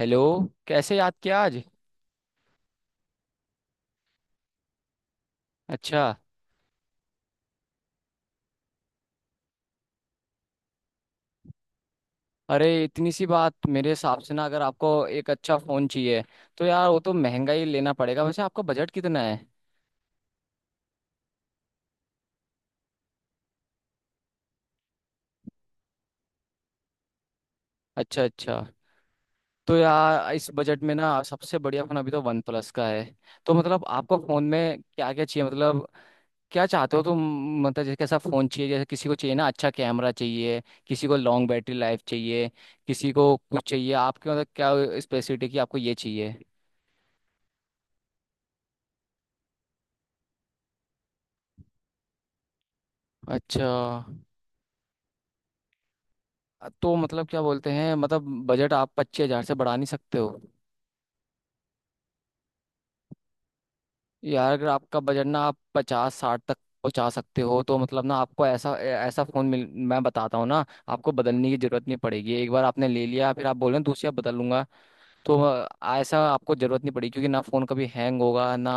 Hello. कैसे याद किया आज? अच्छा। अरे इतनी सी बात मेरे हिसाब से ना अगर आपको एक अच्छा फ़ोन चाहिए तो यार वो तो महंगा ही लेना पड़ेगा। वैसे आपका बजट कितना है? अच्छा अच्छा। तो यार इस बजट में ना सबसे बढ़िया फ़ोन अभी तो वन प्लस का है। तो मतलब आपको फ़ोन में क्या क्या चाहिए मतलब क्या चाहते हो तुम? मतलब जैसे कैसा फ़ोन चाहिए, जैसे किसी को चाहिए ना अच्छा कैमरा चाहिए, किसी को लॉन्ग बैटरी लाइफ चाहिए, किसी को कुछ चाहिए, आपके मतलब क्या स्पेसिफिक है कि आपको ये चाहिए? अच्छा। तो मतलब क्या बोलते हैं मतलब बजट आप 25 हजार से बढ़ा नहीं सकते हो? यार अगर आपका बजट ना आप 50 60 तक पहुंचा सकते हो तो मतलब ना आपको ऐसा ऐसा फोन मिल। मैं बताता हूँ ना, आपको बदलने की जरूरत नहीं पड़ेगी, एक बार आपने ले लिया फिर आप बोल रहे हैं दूसरी आप बदल लूंगा। तो ऐसा आपको जरूरत नहीं पड़ेगी क्योंकि ना फोन कभी हैंग होगा ना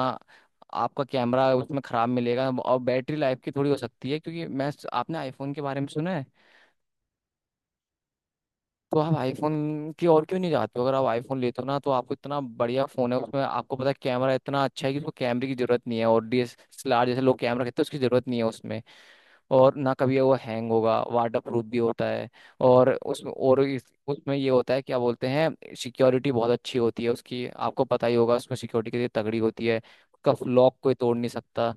आपका कैमरा उसमें खराब मिलेगा और बैटरी लाइफ की थोड़ी हो सकती है। क्योंकि मैं आपने आईफोन के बारे में सुना है? तो आप आईफोन की ओर क्यों नहीं जाते हो? अगर आप आईफोन लेते हो ना तो आपको इतना बढ़िया फोन है, उसमें आपको पता है कैमरा इतना अच्छा है कि उसको कैमरे की जरूरत नहीं है और डीएसएलआर जैसे लोग कैमरा कहते हैं उसकी जरूरत नहीं है उसमें। और ना कभी वो हैंग होगा, वाटर प्रूफ भी होता है और उसमें और उसमें ये होता है क्या बोलते हैं सिक्योरिटी बहुत अच्छी होती है, उसकी आपको पता ही होगा, उसमें सिक्योरिटी के लिए तगड़ी होती है, उसका लॉक कोई तोड़ नहीं सकता।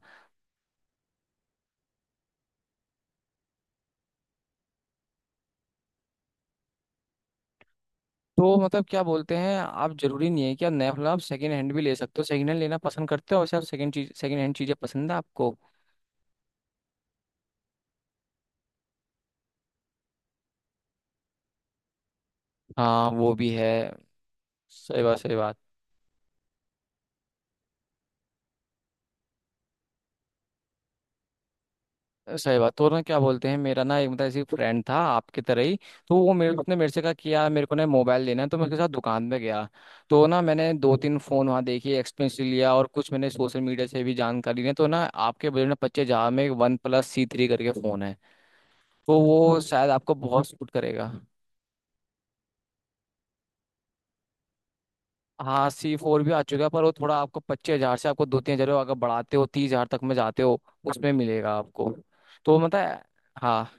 तो मतलब क्या बोलते हैं, आप जरूरी नहीं है कि आप नया फोन, आप सेकंड हैंड भी ले सकते हो, सेकंड हैंड लेना पसंद करते हो? वैसे आप सेकंड हैंड चीजें पसंद है आपको? हाँ वो भी है। सही बात सही बात। सही बात। तो ना क्या बोलते हैं, मेरा ना एक मतलब ऐसी फ्रेंड था आपकी तरह ही। तो वो मेरे उसने मेरे से कहा कि यार मेरे को ना मोबाइल लेना है, तो मैं उसके साथ दुकान पे गया। तो ना मैंने दो तीन फोन वहाँ देखे, एक्सपेंसिव लिया, और कुछ मैंने सोशल मीडिया से भी जानकारी ली, तो ना आपके बजट में 25 हजार में वन प्लस सी थ्री करके फोन है, तो वो शायद आपको बहुत सूट करेगा। हाँ सी फोर भी आ चुका है, पर वो थोड़ा आपको 25 हजार से आपको 2 3 हजार अगर बढ़ाते हो, 30 हजार तक में जाते हो उसमें मिलेगा आपको। तो मतलब हाँ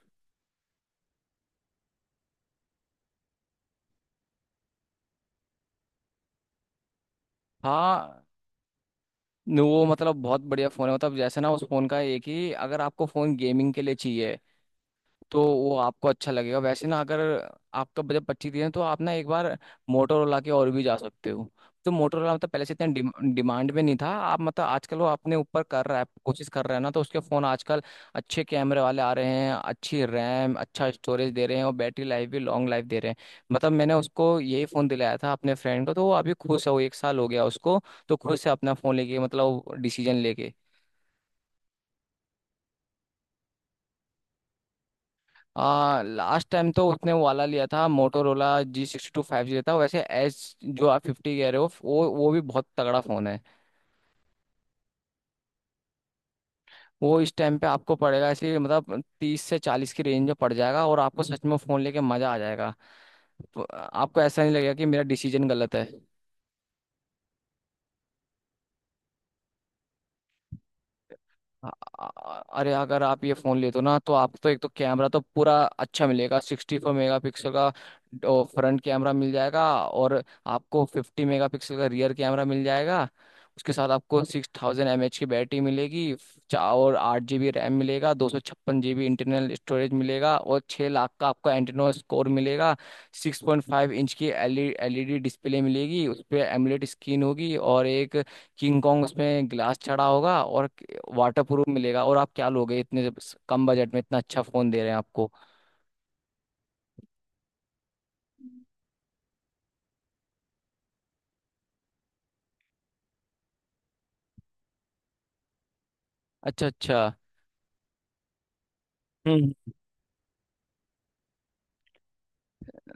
हाँ। वो मतलब बहुत बढ़िया फ़ोन है, मतलब जैसे ना उस फ़ोन का एक ही, अगर आपको फ़ोन गेमिंग के लिए चाहिए तो वो आपको अच्छा लगेगा। वैसे ना अगर आपका बजट 25 दिन है तो आप ना एक बार मोटोरोला के और भी जा सकते हो। तो मोटोरोला मतलब पहले से इतना डिमांड में नहीं था, आप मतलब आजकल वो अपने ऊपर कर रहा है, कोशिश कर रहा है ना, तो उसके फ़ोन आजकल अच्छे कैमरे वाले आ रहे हैं, अच्छी रैम अच्छा स्टोरेज दे रहे हैं और बैटरी लाइफ भी लॉन्ग लाइफ दे रहे हैं। मतलब मैंने उसको यही फ़ोन दिलाया था अपने फ्रेंड को, तो वो अभी खुश है, वो एक साल हो गया उसको, तो खुश है अपना फ़ोन लेके मतलब डिसीजन लेके। लास्ट टाइम तो उसने वो वाला लिया था, मोटोरोला जी 62 5G था। वैसे एच जो आप 50 कह रहे हो वो भी बहुत तगड़ा फोन है। वो इस टाइम पे आपको पड़ेगा, ऐसे मतलब 30 से 40 की रेंज में पड़ जाएगा और आपको सच में फोन लेके मजा आ जाएगा, तो आपको ऐसा नहीं लगेगा कि मेरा डिसीजन गलत है। अ- अरे अगर आप ये फोन लेते हो ना तो आप तो एक तो कैमरा तो पूरा अच्छा मिलेगा, 64 मेगा पिक्सल का फ्रंट कैमरा मिल जाएगा और आपको 50 मेगा पिक्सल का रियर कैमरा मिल जाएगा। उसके साथ आपको 6000 एम एच की बैटरी मिलेगी, और 8 जी बी रैम मिलेगा, 256 जी बी इंटरनल स्टोरेज मिलेगा और 6 लाख का आपको एंटेनो स्कोर मिलेगा, 6.5 इंच की एलईडी डिस्प्ले मिलेगी, उस पर एमुलेट स्क्रीन होगी और एक किंग कॉन्ग उसमें ग्लास चढ़ा होगा और वाटर प्रूफ मिलेगा, और आप क्या लोगे कम बजट में, इतना अच्छा फोन दे रहे हैं आपको। अच्छा अच्छा। हम्म। अ,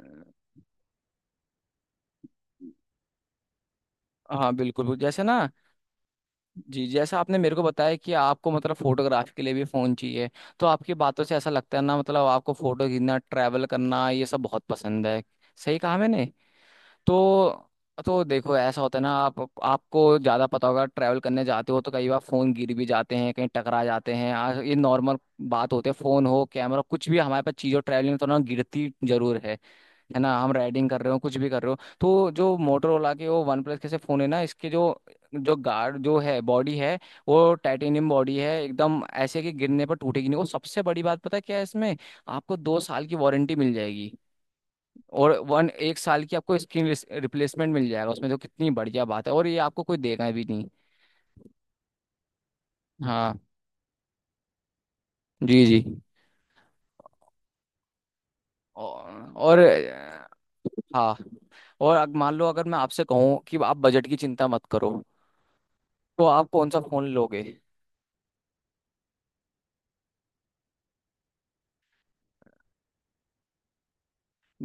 हाँ बिल्कुल बिल्कुल। जैसे ना जी जैसा आपने मेरे को बताया कि आपको मतलब फोटोग्राफी के लिए भी फोन चाहिए, तो आपकी बातों से ऐसा लगता है ना, मतलब आपको फोटो खींचना ट्रैवल करना ये सब बहुत पसंद है, सही कहा मैंने? तो तो देखो ऐसा होता है ना, आप आपको ज़्यादा पता होगा, ट्रैवल करने जाते हो तो कई बार फ़ोन गिर भी जाते हैं, कहीं टकरा जाते हैं, आज ये नॉर्मल बात होती है, फ़ोन हो कैमरा कुछ भी हमारे पास चीज़ हो ट्रैवलिंग में तो ना गिरती जरूर है ना? हम राइडिंग कर रहे हो कुछ भी कर रहे हो तो जो मोटरोला के वो वन प्लस के से फ़ोन है ना, इसके जो जो गार्ड जो है बॉडी है वो टाइटेनियम बॉडी है, एकदम ऐसे कि गिरने पर टूटेगी नहीं। वो सबसे बड़ी बात, पता है क्या है इसमें? आपको 2 साल की वारंटी मिल जाएगी और वन एक साल की आपको स्क्रीन रिप्लेसमेंट मिल जाएगा उसमें, तो कितनी बढ़िया बात है, और ये आपको कोई देगा भी नहीं। हाँ जी जी। और, हाँ, और अब मान लो अगर मैं आपसे कहूँ कि आप बजट की चिंता मत करो, तो आप कौन सा फ़ोन लोगे?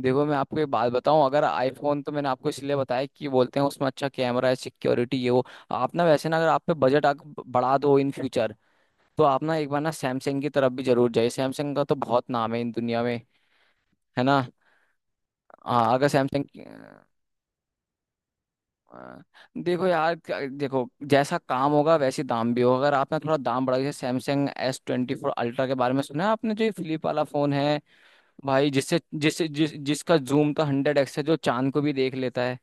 देखो मैं आपको एक बात बताऊं, अगर आईफोन तो मैंने आपको इसलिए बताया कि बोलते हैं उसमें अच्छा कैमरा है, सिक्योरिटी ये वो, आप ना वैसे ना अगर आप पे बजट बढ़ा दो इन फ्यूचर, तो आप ना एक बार ना सैमसंग की तरफ भी जरूर जाइए, सैमसंग का तो बहुत नाम है इन दुनिया में, है ना? हाँ। अगर सैमसंग अ, देखो यार देखो जैसा काम होगा वैसे दाम भी होगा, अगर आपने थोड़ा दाम बढ़ा, जैसे सैमसंग S24 अल्ट्रा के बारे में सुना है आपने, जो ये फ्लिप वाला फोन है, भाई जिससे जिससे जिस जिसका जूम तो 100x है, जो चांद को भी देख लेता है।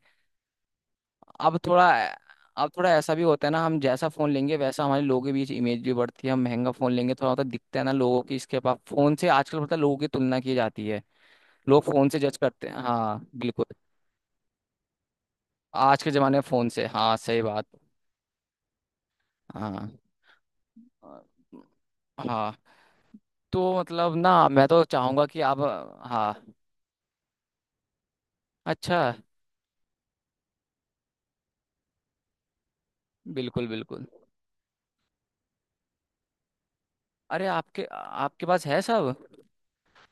अब थोड़ा अब थोड़ा ऐसा भी होता है ना, हम जैसा फोन लेंगे वैसा हमारे लोगों के बीच इमेज भी बढ़ती है, हम महंगा फोन लेंगे थोड़ा होता दिखता है ना, लोगों की इसके पास फोन से आजकल पता है लोगों की तुलना की जाती है, लोग फोन से जज करते हैं। हाँ बिल्कुल। आज के जमाने में फोन से, हाँ सही बात। हाँ। आ, हाँ। तो मतलब ना मैं तो चाहूंगा कि आप। हाँ। अच्छा। बिल्कुल बिल्कुल। अरे आपके आपके पास है सब।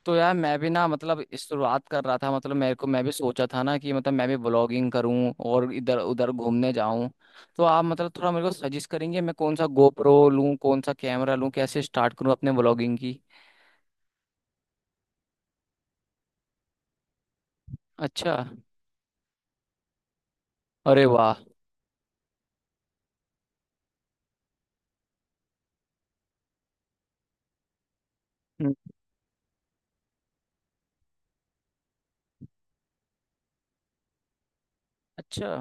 तो यार मैं भी ना मतलब इस शुरुआत कर रहा था, मतलब मेरे को, मैं भी सोचा था ना कि मतलब मैं भी ब्लॉगिंग करूं और इधर उधर घूमने जाऊं, तो आप मतलब थोड़ा मेरे को सजेस्ट करेंगे मैं कौन सा गोप्रो लूं कौन सा कैमरा लूं कैसे स्टार्ट करूं अपने ब्लॉगिंग की? अच्छा। अरे वाह। हम्म। अच्छा।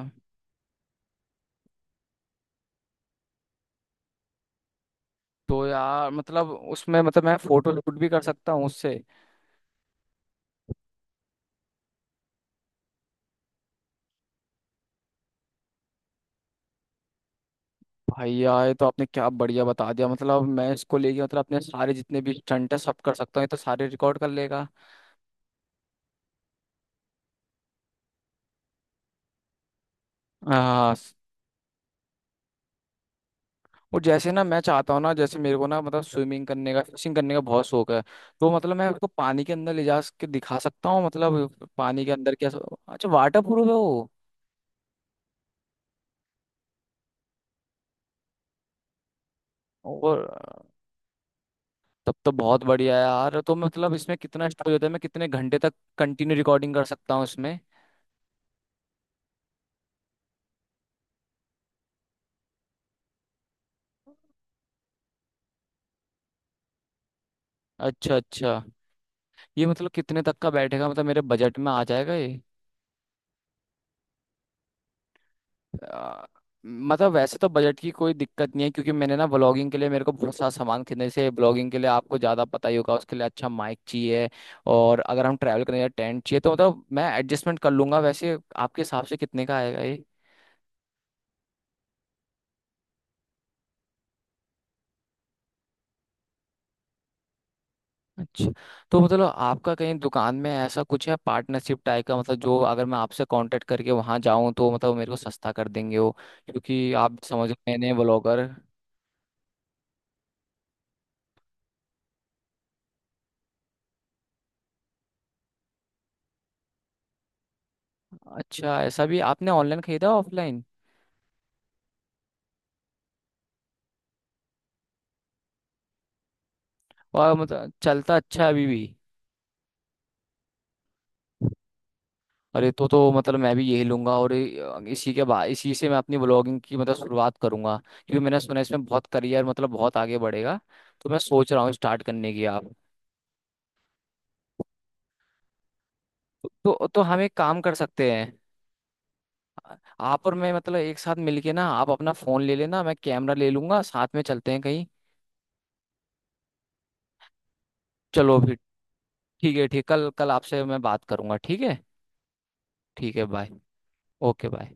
तो यार मतलब उसमें मतलब मैं फोटो शूट भी कर सकता हूँ उससे? भाई यार ये तो आपने क्या बढ़िया बता दिया, मतलब मैं इसको लेके मतलब अपने सारे जितने भी स्टंट है सब कर सकता हूँ, ये तो सारे रिकॉर्ड कर लेगा। आ, स- और जैसे ना मैं चाहता हूँ ना, जैसे मेरे को ना मतलब स्विमिंग करने का फिशिंग करने का बहुत शौक है, तो मतलब मैं उसको पानी के अंदर ले जा के दिखा सकता हूँ, मतलब पानी के अंदर क्या, अच्छा वाटर प्रूफ है वो? और तब तो बहुत बढ़िया है यार, तो मतलब इसमें कितना स्टोरेज होता है? मैं कितने घंटे तक कंटिन्यू रिकॉर्डिंग कर सकता हूँ इसमें? अच्छा अच्छा। ये मतलब कितने तक का बैठेगा, मतलब मेरे बजट में आ जाएगा ये? अ, मतलब वैसे तो बजट की कोई दिक्कत नहीं है, क्योंकि मैंने ना ब्लॉगिंग के लिए मेरे को बहुत सारा सामान खरीदने से, ब्लॉगिंग के लिए आपको ज़्यादा पता ही होगा, उसके लिए अच्छा माइक चाहिए और अगर हम ट्रैवल करने टेंट चाहिए तो मतलब मैं एडजस्टमेंट कर लूंगा, वैसे आपके हिसाब से कितने का आएगा ये? अच्छा। तो मतलब आपका कहीं दुकान में ऐसा कुछ है पार्टनरशिप टाइप का, मतलब जो अगर मैं आपसे कांटेक्ट करके वहां जाऊं तो मतलब मेरे को सस्ता कर देंगे वो, क्योंकि आप समझ मैंने ब्लॉगर। अच्छा ऐसा भी आपने ऑनलाइन खरीदा ऑफलाइन? और मतलब चलता अच्छा है अभी भी? अरे तो मतलब मैं भी यही लूंगा और इसी के बाद इसी से मैं अपनी ब्लॉगिंग की मतलब शुरुआत करूंगा, क्योंकि मैंने सुना है इसमें बहुत करियर मतलब बहुत आगे बढ़ेगा, तो मैं सोच रहा हूँ स्टार्ट करने की आप। तो हम एक काम कर सकते हैं, आप और मैं मतलब एक साथ मिलके ना, आप अपना फोन ले लेना मैं कैमरा ले लूंगा साथ में चलते हैं कहीं। चलो फिर। ठीक है। ठीक कल कल आपसे मैं बात करूंगा, ठीक है? ठीक है बाय। Okay bye.